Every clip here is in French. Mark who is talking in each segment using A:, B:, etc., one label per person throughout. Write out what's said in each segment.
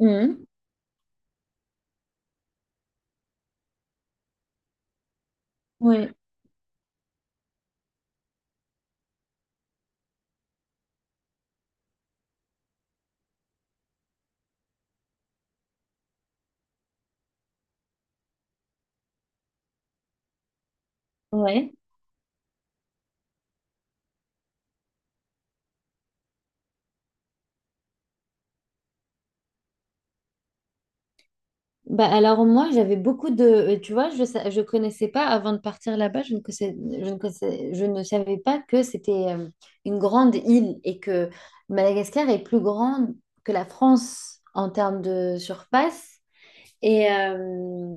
A: Mhm. Ouais, ouais. Alors moi j'avais beaucoup de tu vois je connaissais pas avant de partir là-bas je ne savais pas que c'était une grande île et que Madagascar est plus grande que la France en termes de surface et euh,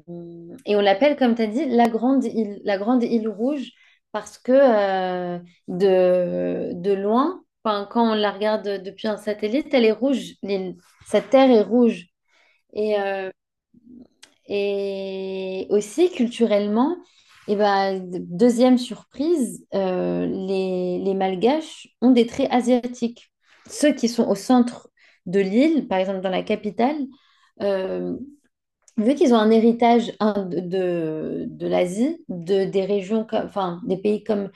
A: et on l'appelle comme tu as dit la grande île, la grande île rouge parce que de loin enfin, quand on la regarde depuis un satellite elle est rouge l'île, sa terre est rouge. Et, euh, et aussi, culturellement, deuxième surprise, les Malgaches ont des traits asiatiques. Ceux qui sont au centre de l'île, par exemple dans la capitale, euh, vu qu'ils ont un héritage hein, de l'Asie, de, des régions, enfin des pays comme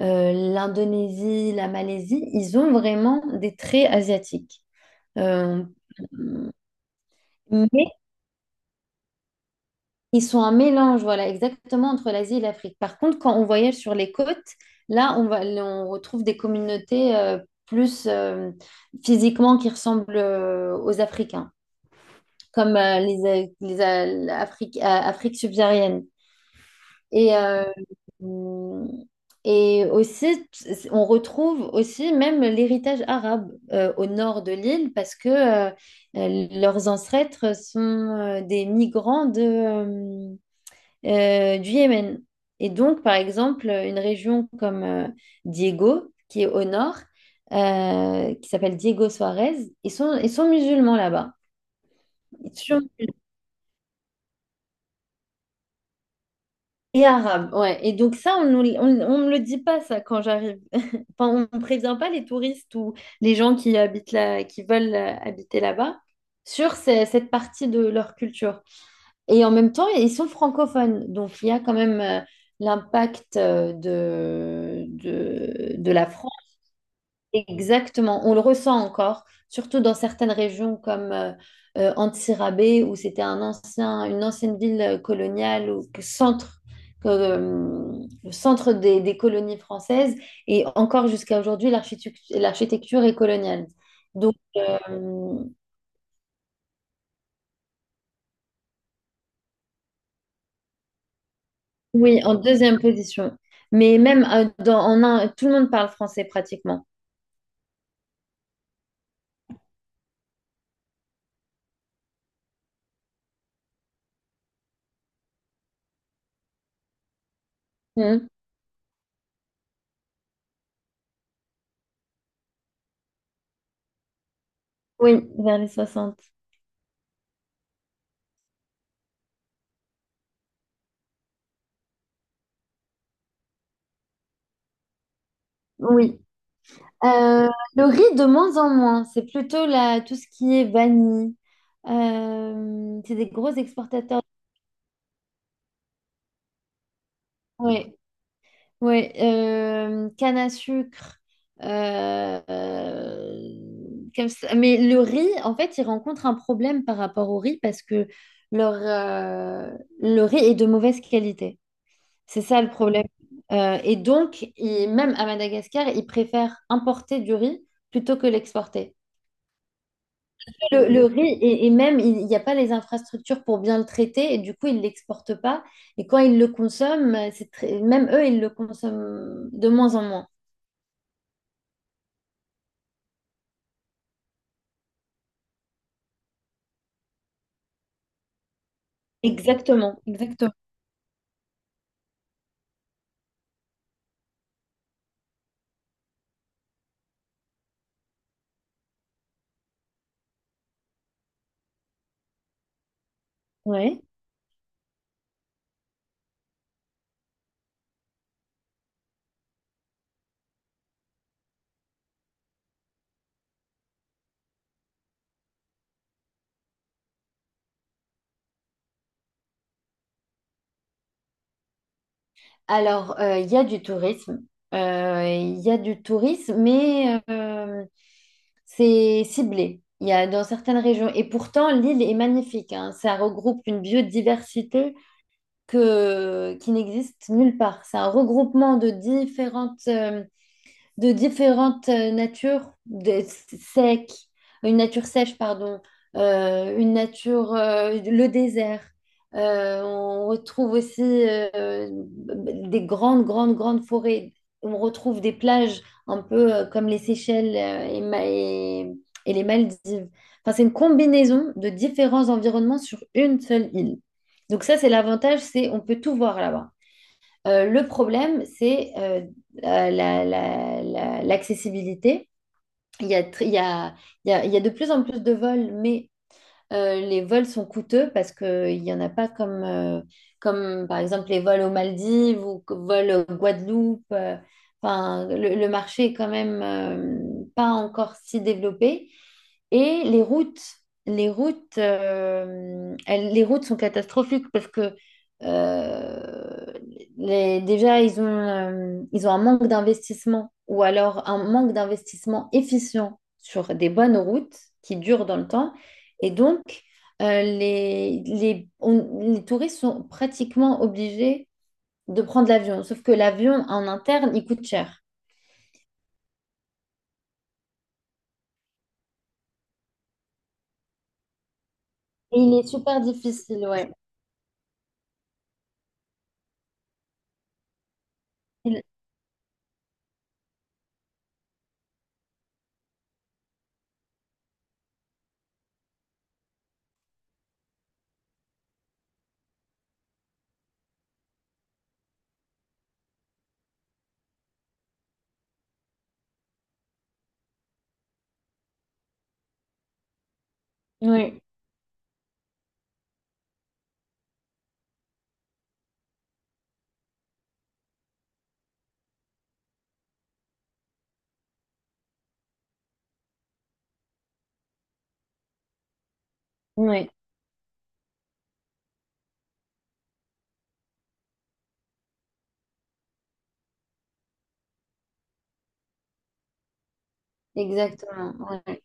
A: l'Indonésie, la Malaisie, ils ont vraiment des traits asiatiques. Euh, mais ils sont un mélange, voilà, exactement entre l'Asie et l'Afrique. Par contre, quand on voyage sur les côtes, là, on retrouve des communautés plus physiquement, qui ressemblent aux Africains, comme Afrique subsaharienne. Et, euh, et aussi, on retrouve aussi même l'héritage arabe au nord de l'île parce que euh, leurs ancêtres sont des migrants du Yémen. Et donc, par exemple, une région comme Diego, qui est au nord, qui s'appelle Diego Suarez, ils sont musulmans là-bas. Ils sont musulmans et arabes, ouais. Et donc ça, on ne on, on me le dit pas, ça, quand j'arrive. Enfin, on ne prévient pas les touristes ou les gens qui habitent là, qui veulent habiter là-bas sur cette partie de leur culture. Et en même temps, ils sont francophones. Donc, il y a quand même l'impact de la France. Exactement. On le ressent encore, surtout dans certaines régions comme Antsirabé, où c'était un ancien, une ancienne ville coloniale ou centre, que, le centre des colonies françaises. Et encore jusqu'à aujourd'hui, l'architecture est coloniale. Donc, oui, en deuxième position. Mais même en un, tout le monde parle français pratiquement. Mhm. Oui, vers les 60. Oui. Euh, le riz de moins en moins, c'est plutôt la, tout ce qui est vanille. C'est des gros exportateurs. Oui, oui. Canne à sucre. euh, euh, Comme ça. Mais le riz, en fait, il rencontre un problème par rapport au riz parce que le riz est de mauvaise qualité. C'est ça le problème. Et donc, même à Madagascar, ils préfèrent importer du riz plutôt que l'exporter. Le riz, et même, il n'y a pas les infrastructures pour bien le traiter, et du coup, ils ne l'exportent pas. Et quand ils le consomment, même eux, ils le consomment de moins en moins. Exactement. Exactement. Ouais. Alors, il y a du tourisme. Il y a du tourisme, mais c'est ciblé. Il y a dans certaines régions. Et pourtant, l'île est magnifique, hein. Ça regroupe une biodiversité que, qui n'existe nulle part. C'est un regroupement de différentes natures, de sec, une nature sèche, pardon, une nature, le désert. On retrouve aussi des grandes, grandes, grandes forêts. On retrouve des plages un peu comme les Seychelles et les Maldives. Enfin, c'est une combinaison de différents environnements sur une seule île. Donc ça, c'est l'avantage, c'est on peut tout voir là-bas. Le problème, c'est euh, la- l'accessibilité. Il y a, tr- il y a- il y a- Il y a de plus en plus de vols, mais les vols sont coûteux parce qu'il n'y en a pas comme, comme, par exemple, les vols aux Maldives ou vols aux Guadeloupe. Enfin, le marché est quand même pas encore si développé. Et les routes, les routes sont catastrophiques parce que euh, déjà ils ont un manque d'investissement ou alors un manque d'investissement efficient sur des bonnes routes qui durent dans le temps. Et donc les touristes sont pratiquement obligés de prendre l'avion. Sauf que l'avion en interne, il coûte cher. Et il est super difficile, ouais. Il- Oui, oui, exactement, ouais.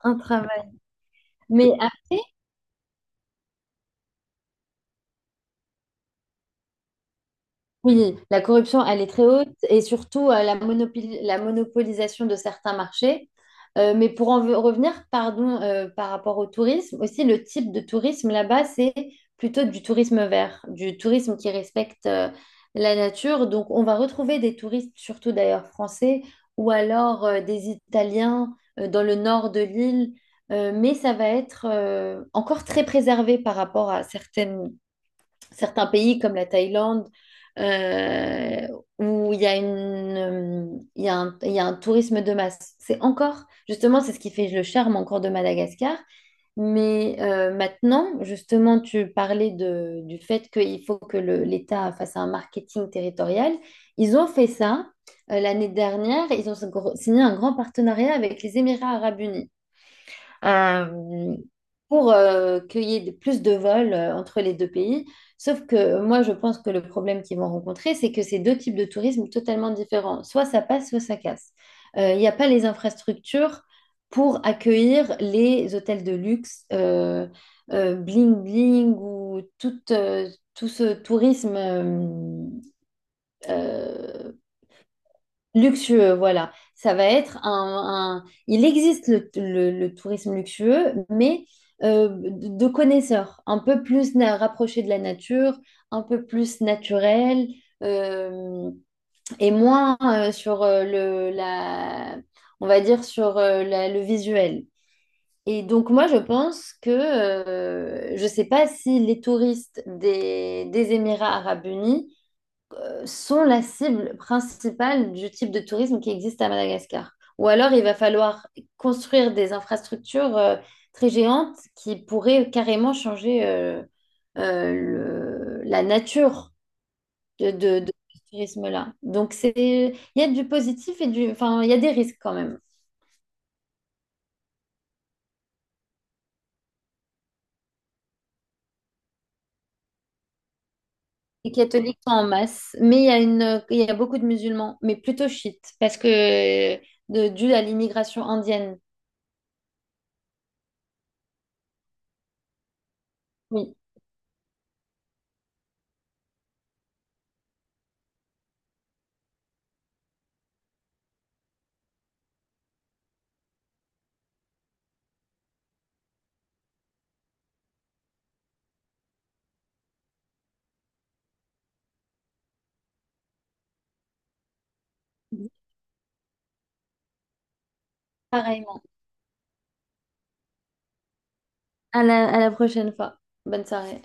A: Un travail. Mais après, oui, la corruption, elle est très haute et surtout la monopolisation de certains marchés. Mais pour revenir, pardon, par rapport au tourisme, aussi le type de tourisme là-bas, c'est plutôt du tourisme vert, du tourisme qui respecte la nature. Donc, on va retrouver des touristes, surtout d'ailleurs français, ou alors des Italiens dans le nord de l'île. Mais ça va être encore très préservé par rapport à certaines certains pays comme la Thaïlande, euh, où il y a une, il y a un, il y a un tourisme de masse. C'est encore, justement, c'est ce qui fait le charme encore de Madagascar. Mais maintenant, justement, tu parlais du fait qu'il faut que l'État fasse un marketing territorial. Ils ont fait ça l'année dernière. Ils ont signé un grand partenariat avec les Émirats arabes unis euh, pour qu'il y ait plus de vols entre les deux pays. Sauf que moi, je pense que le problème qu'ils vont rencontrer, c'est que c'est deux types de tourisme totalement différents. Soit ça passe, soit ça casse. Il n'y a pas les infrastructures pour accueillir les hôtels de luxe, bling bling ou tout, tout ce tourisme euh, luxueux, voilà. Ça va être il existe le tourisme luxueux, mais de connaisseurs, un peu plus rapproché de la nature, un peu plus naturel, euh, et moins sur on va dire sur le visuel. Et donc moi, je pense que je ne sais pas si les touristes des Émirats arabes unis sont la cible principale du type de tourisme qui existe à Madagascar. Ou alors, il va falloir construire des infrastructures très géantes qui pourraient carrément changer la nature de ce tourisme-là. Donc, c'est, il y a du positif et du, enfin, il y a des risques quand même. Les catholiques sont en masse, mais il y a une, il y a beaucoup de musulmans, mais plutôt chiites, parce que dû à l'immigration indienne. Oui, pareil. À la prochaine fois. Bonne soirée.